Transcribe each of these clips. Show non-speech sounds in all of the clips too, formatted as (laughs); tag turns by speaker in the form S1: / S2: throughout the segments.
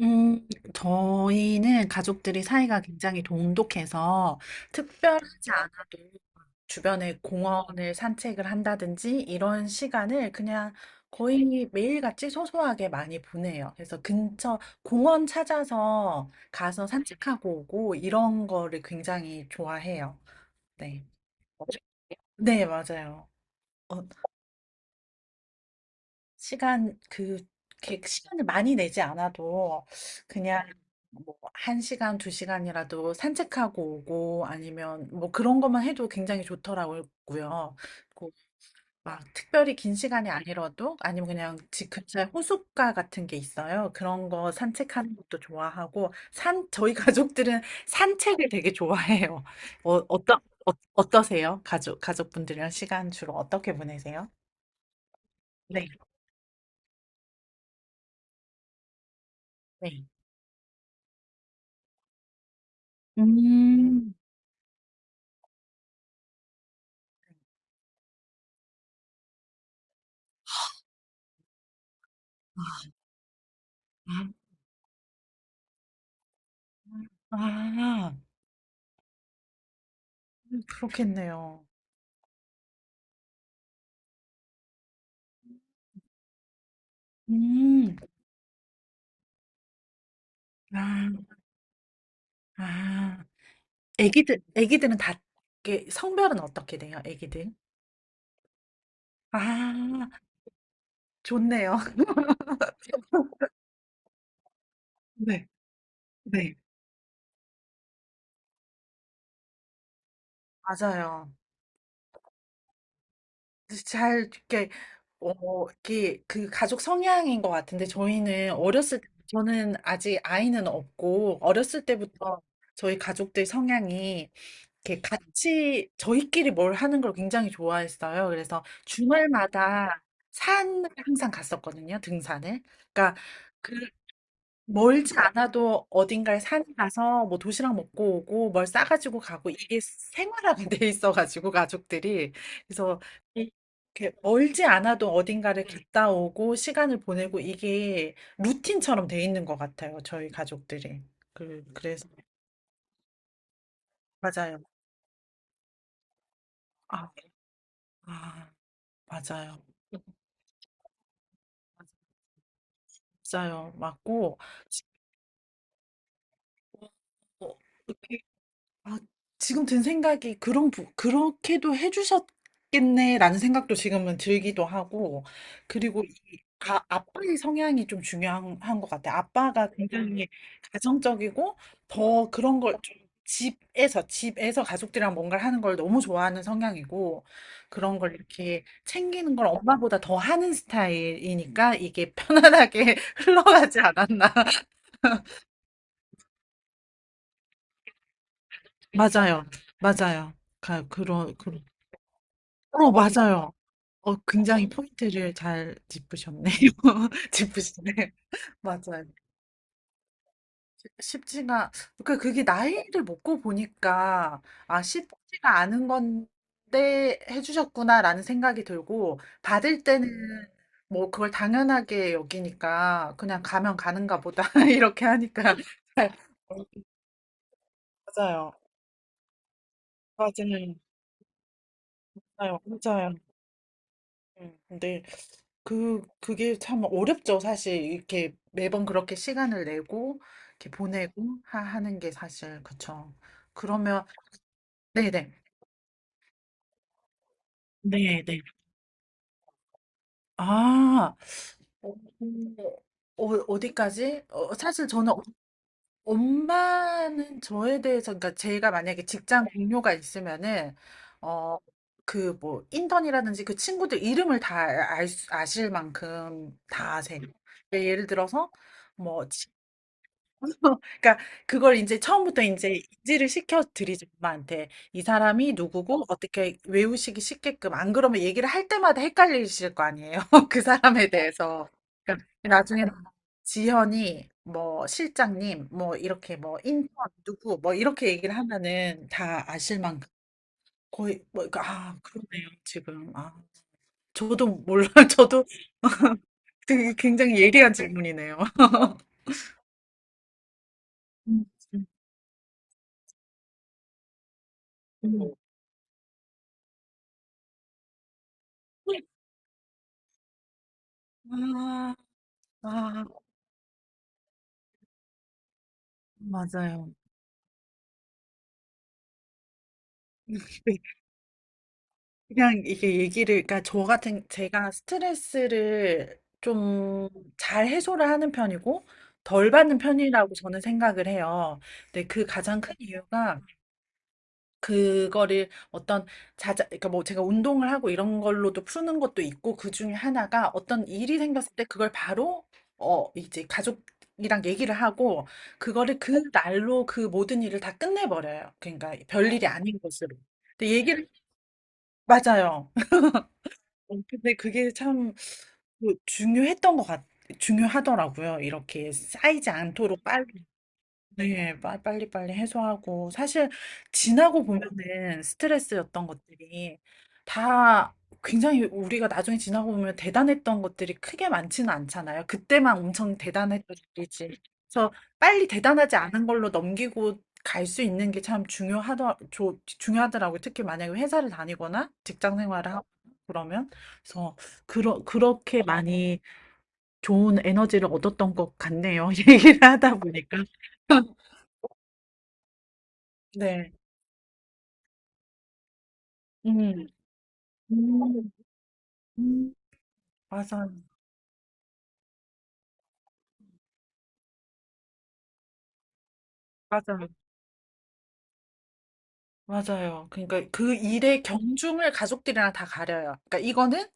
S1: 음 저희는 가족들이 사이가 굉장히 돈독해서 특별하지 않아도 주변에 공원을 산책을 한다든지 이런 시간을 그냥 거의 매일같이 소소하게 많이 보내요. 그래서 근처 공원 찾아서 가서 산책하고 오고 이런 거를 굉장히 좋아해요. 네. 네, 맞아요. 어, 시간 그 이렇게 시간을 많이 내지 않아도 그냥 뭐 1시간, 2시간이라도 산책하고 오고 아니면 뭐 그런 것만 해도 굉장히 좋더라고요. 그리고 막 특별히 긴 시간이 아니라도 아니면 그냥 집 근처에 호숫가 같은 게 있어요. 그런 거 산책하는 것도 좋아하고 산 저희 (laughs) 가족들은 산책을 되게 좋아해요. 어, 어떠, 어떠세요? 가족분들이랑 시간 주로 어떻게 보내세요? 네. 네. 음, 아, 아, 그렇겠네요. 음, 아, 아. 애기들은 다, 이게 성별은 어떻게 돼요, 애기들? 아, 좋네요. (laughs) 네, 네. 맞아요. 잘, 이렇게, 이렇게, 그 가족 성향인 것 같은데, 저희는 어렸을 때, 저는 아직 아이는 없고, 어렸을 때부터 저희 가족들 성향이 이렇게 같이 저희끼리 뭘 하는 걸 굉장히 좋아했어요. 그래서 주말마다 산을 항상 갔었거든요, 등산을. 그러니까 그 멀지 않아도 어딘가에 산에 가서 뭐 도시락 먹고 오고 뭘 싸가지고 가고 이게 생활화가 (laughs) 돼 있어가지고 가족들이 그래서 이- 이렇게 멀지 않아도 어딘가를 갔다 오고 시간을 보내고 이게 루틴처럼 돼 있는 것 같아요, 저희 가족들이. 그래서 맞아요. 아, 아, 맞아요. 맞아요. 맞고, 지- 어, 이렇게, 아, 지금 든 생각이 그런, 그렇게도 해주셨겠네라는 생각도 지금은 들기도 하고, 그리고 아빠의 성향이 좀 중요한 한것 같아요. 아빠가 굉장히 가정적이고, 더 그런 걸 좀 집에서, 가족들이랑 뭔가를 하는 걸 너무 좋아하는 성향이고, 그런 걸 이렇게 챙기는 걸 엄마보다 더 하는 스타일이니까 이게 편안하게 (laughs) 흘러가지 않았나. 맞아요. 맞아요. 그런. 맞아요. 굉장히 포인트를 잘 짚으셨네요. (laughs) 짚으시네. 맞아요. 쉽지가, 그게 나이를 먹고 보니까, 쉽지가 않은 건데 해주셨구나라는 생각이 들고, 받을 때는 뭐 그걸 당연하게 여기니까, 그냥 가면 가는가 보다, (laughs) 이렇게 하니까. 맞아요. 맞아요. 맞아요. 맞아요. 네. 그게 참 어렵죠. 사실 이렇게 매번 그렇게 시간을 내고 이렇게 보내고 하는 게 사실 그쵸. 그러면 네네. 네, 네. 아, 어, 어디까지? 사실 저는 엄마는 저에 대해서, 그러니까 제가 만약에 직장 동료가 있으면은, 어, 그 뭐, 인턴이라든지 그 친구들 이름을 다 아실 만큼 다 아세요. 그러니까 예를 들어서, 뭐, (laughs) 그러니까 그걸 이제 처음부터 인제 인지를 시켜 드리죠, 엄마한테. 이 사람이 누구고 어떻게 외우시기 쉽게끔. 안 그러면 얘기를 할 때마다 헷갈리실 거 아니에요, (laughs) 그 사람에 대해서. 그러니까 나중에 지현이 뭐 실장님 뭐 이렇게 뭐 인턴 누구 뭐 이렇게 얘기를 하면은 다 아실 만큼 거의 뭐 아 그러네요, 지금. 아 저도 몰라요. (laughs) 저도 되게 굉장히 예리한 질문이네요. (laughs) 음. 음. 음. 아. 아. 맞아요. 그- 그냥 이게 얘기를, 그러니까 저 같은, 제가 스트레스를 좀 잘 해소를 하는 편이고, 덜 받는 편이라고 저는 생각을 해요. 근데 그 가장 큰 이유가, 그거를 어떤 자자, 그러니까 뭐 제가 운동을 하고 이런 걸로도 푸는 것도 있고, 그 중에 하나가 어떤 일이 생겼을 때 그걸 바로, 이제 가족이랑 얘기를 하고, 그거를 그 날로 그 모든 일을 다 끝내버려요. 그러니까 별일이 아닌 것으로. 근데 얘기를 맞아요. 근데 그게 참 그 중요했던 것 같 중요하더라고요. 이렇게 쌓이지 않도록 빨리 네, 빨리빨리 해소하고. 사실, 지나고 보면은 스트레스였던 것들이 다 굉장히 우리가 나중에 지나고 보면 대단했던 것들이 크게 많지는 않잖아요. 그때만 엄청 대단했던 일이지. 그래서 빨리 대단하지 않은 걸로 넘기고 갈 수 있는 게 참 중요하더라고요. 특히 만약에 회사를 다니거나 직장 생활을 하고 그러면. 그래서, 그렇게 많이 좋은 에너지를 얻었던 것 같네요. (laughs) 얘기를 하다 보니까. 네. 음. 음. 음. 맞아요. 맞아요. 맞아요. 그러니까 그 일의 경중을 가족들이랑 다 가려요. 그러니까 이거는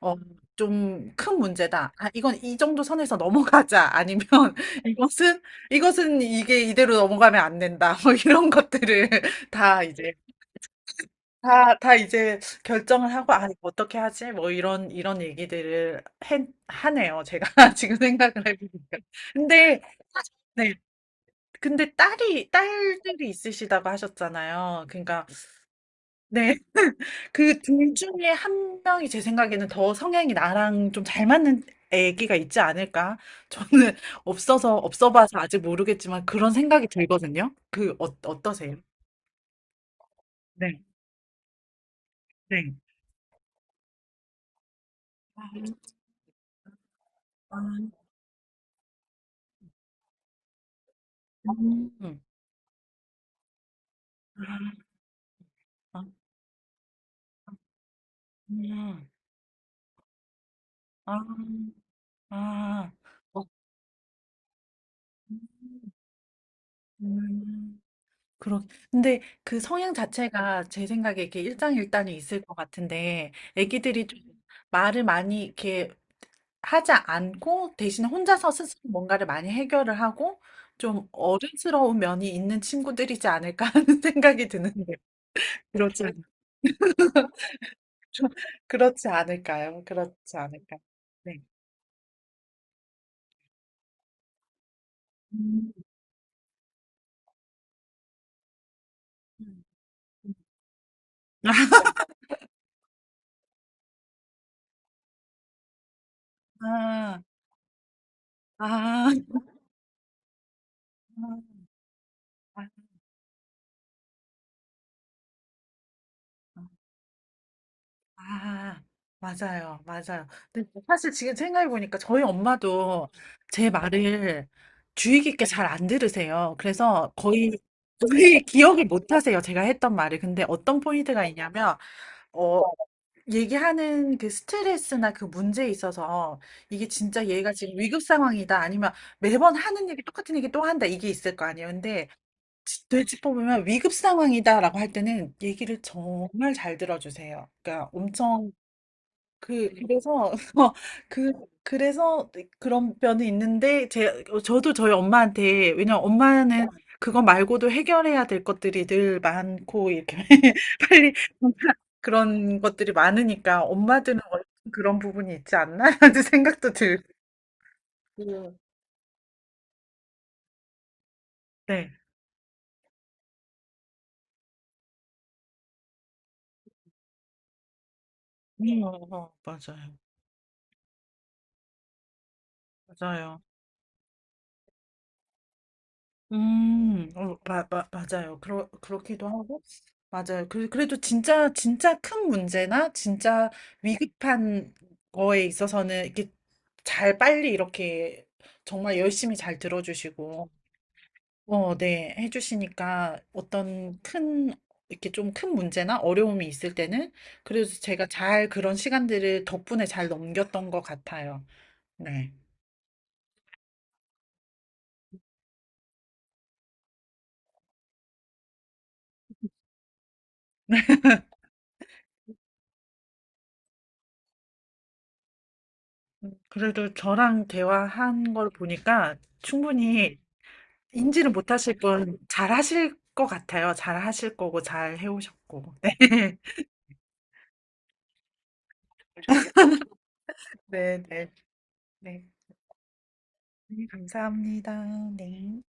S1: 어, 좀 큰 문제다. 아, 이건 이 정도 선에서 넘어가자. 아니면 (laughs) 이것은 이것은 이게 이대로 넘어가면 안 된다. 뭐 이런 것들을 (laughs) 다 이제 다 이제 결정을 하고 아, 이거 어떻게 하지? 뭐 이런 얘기들을 하네요. 제가 (laughs) 지금 생각을 해보니까. 근데 네. 근데 딸이 딸들이 있으시다고 하셨잖아요. 그러니까 네. 그 둘 중에 한 명이 제 생각에는 더 성향이 나랑 좀 잘 맞는 애기가 있지 않을까? 저는 없어서 없어 봐서 아직 모르겠지만 그런 생각이 들거든요. 어떠세요? 네. 네. 아. 아. 음. 아. 아. 아. 아. 아. 어. 음. 그렇 근데 그 성향 자체가 제 생각에 이렇게 일장일단이 있을 것 같은데 애기들이 좀 말을 많이 이렇게 하지 않고 대신 혼자서 스스로 뭔가를 많이 해결을 하고 좀 어른스러운 면이 있는 친구들이지 않을까 하는 (laughs) 생각이 드는데 그렇지 않 좀 그렇지 않을까요? 그렇지 않을까요? 네. 음. 음. 아, 아, 아. 아. 아, 맞아요. 맞아요. 근데 뭐 사실 지금 생각해 보니까 저희 엄마도 제 말을 주의 깊게 잘 안 들으세요. 그래서 거의 기억을 못 하세요. 제가 했던 말을. 근데 어떤 포인트가 있냐면 어 얘기하는 그 스트레스나 그 문제에 있어서 이게 진짜 얘가 지금 위급 상황이다 아니면 매번 하는 얘기 똑같은 얘기 또 한다 이게 있을 거 아니에요. 근데 되짚어보면 위급 상황이다라고 할 때는 얘기를 정말 잘 들어주세요. 그러니까 엄청 그래서 (laughs) 그 그래서 네 그런 면이 있는데 제 어 저도 저희 엄마한테 왜냐면 엄마는 그거 말고도 해결해야 될 것들이 늘 많고 이렇게 (laughs) 빨리 그런 것들이 많으니까 엄마들은 원래 그런 부분이 있지 않나? (laughs) 라는 생각도 들고 네. 맞아요. 맞아요. 맞아요. 그렇기도 하고, 맞아요. 그래도 진짜, 진짜 큰 문제나, 진짜 위급한 거에 있어서는 이렇게 잘 빨리 이렇게 정말 열심히 잘 들어주시고, 네, 해주시니까 어떤 큰, 이렇게 좀 큰 문제나 어려움이 있을 때는, 그래도 제가 잘 그런 시간들을 덕분에 잘 넘겼던 것 같아요. 네. 그래도 저랑 대화한 걸 보니까 충분히 인지는 못하실 분 잘하실 것 같아요. 잘하실 거고 잘 해오셨고. (laughs) 네, 네, 네. 네, 네, 감사합니다. 네.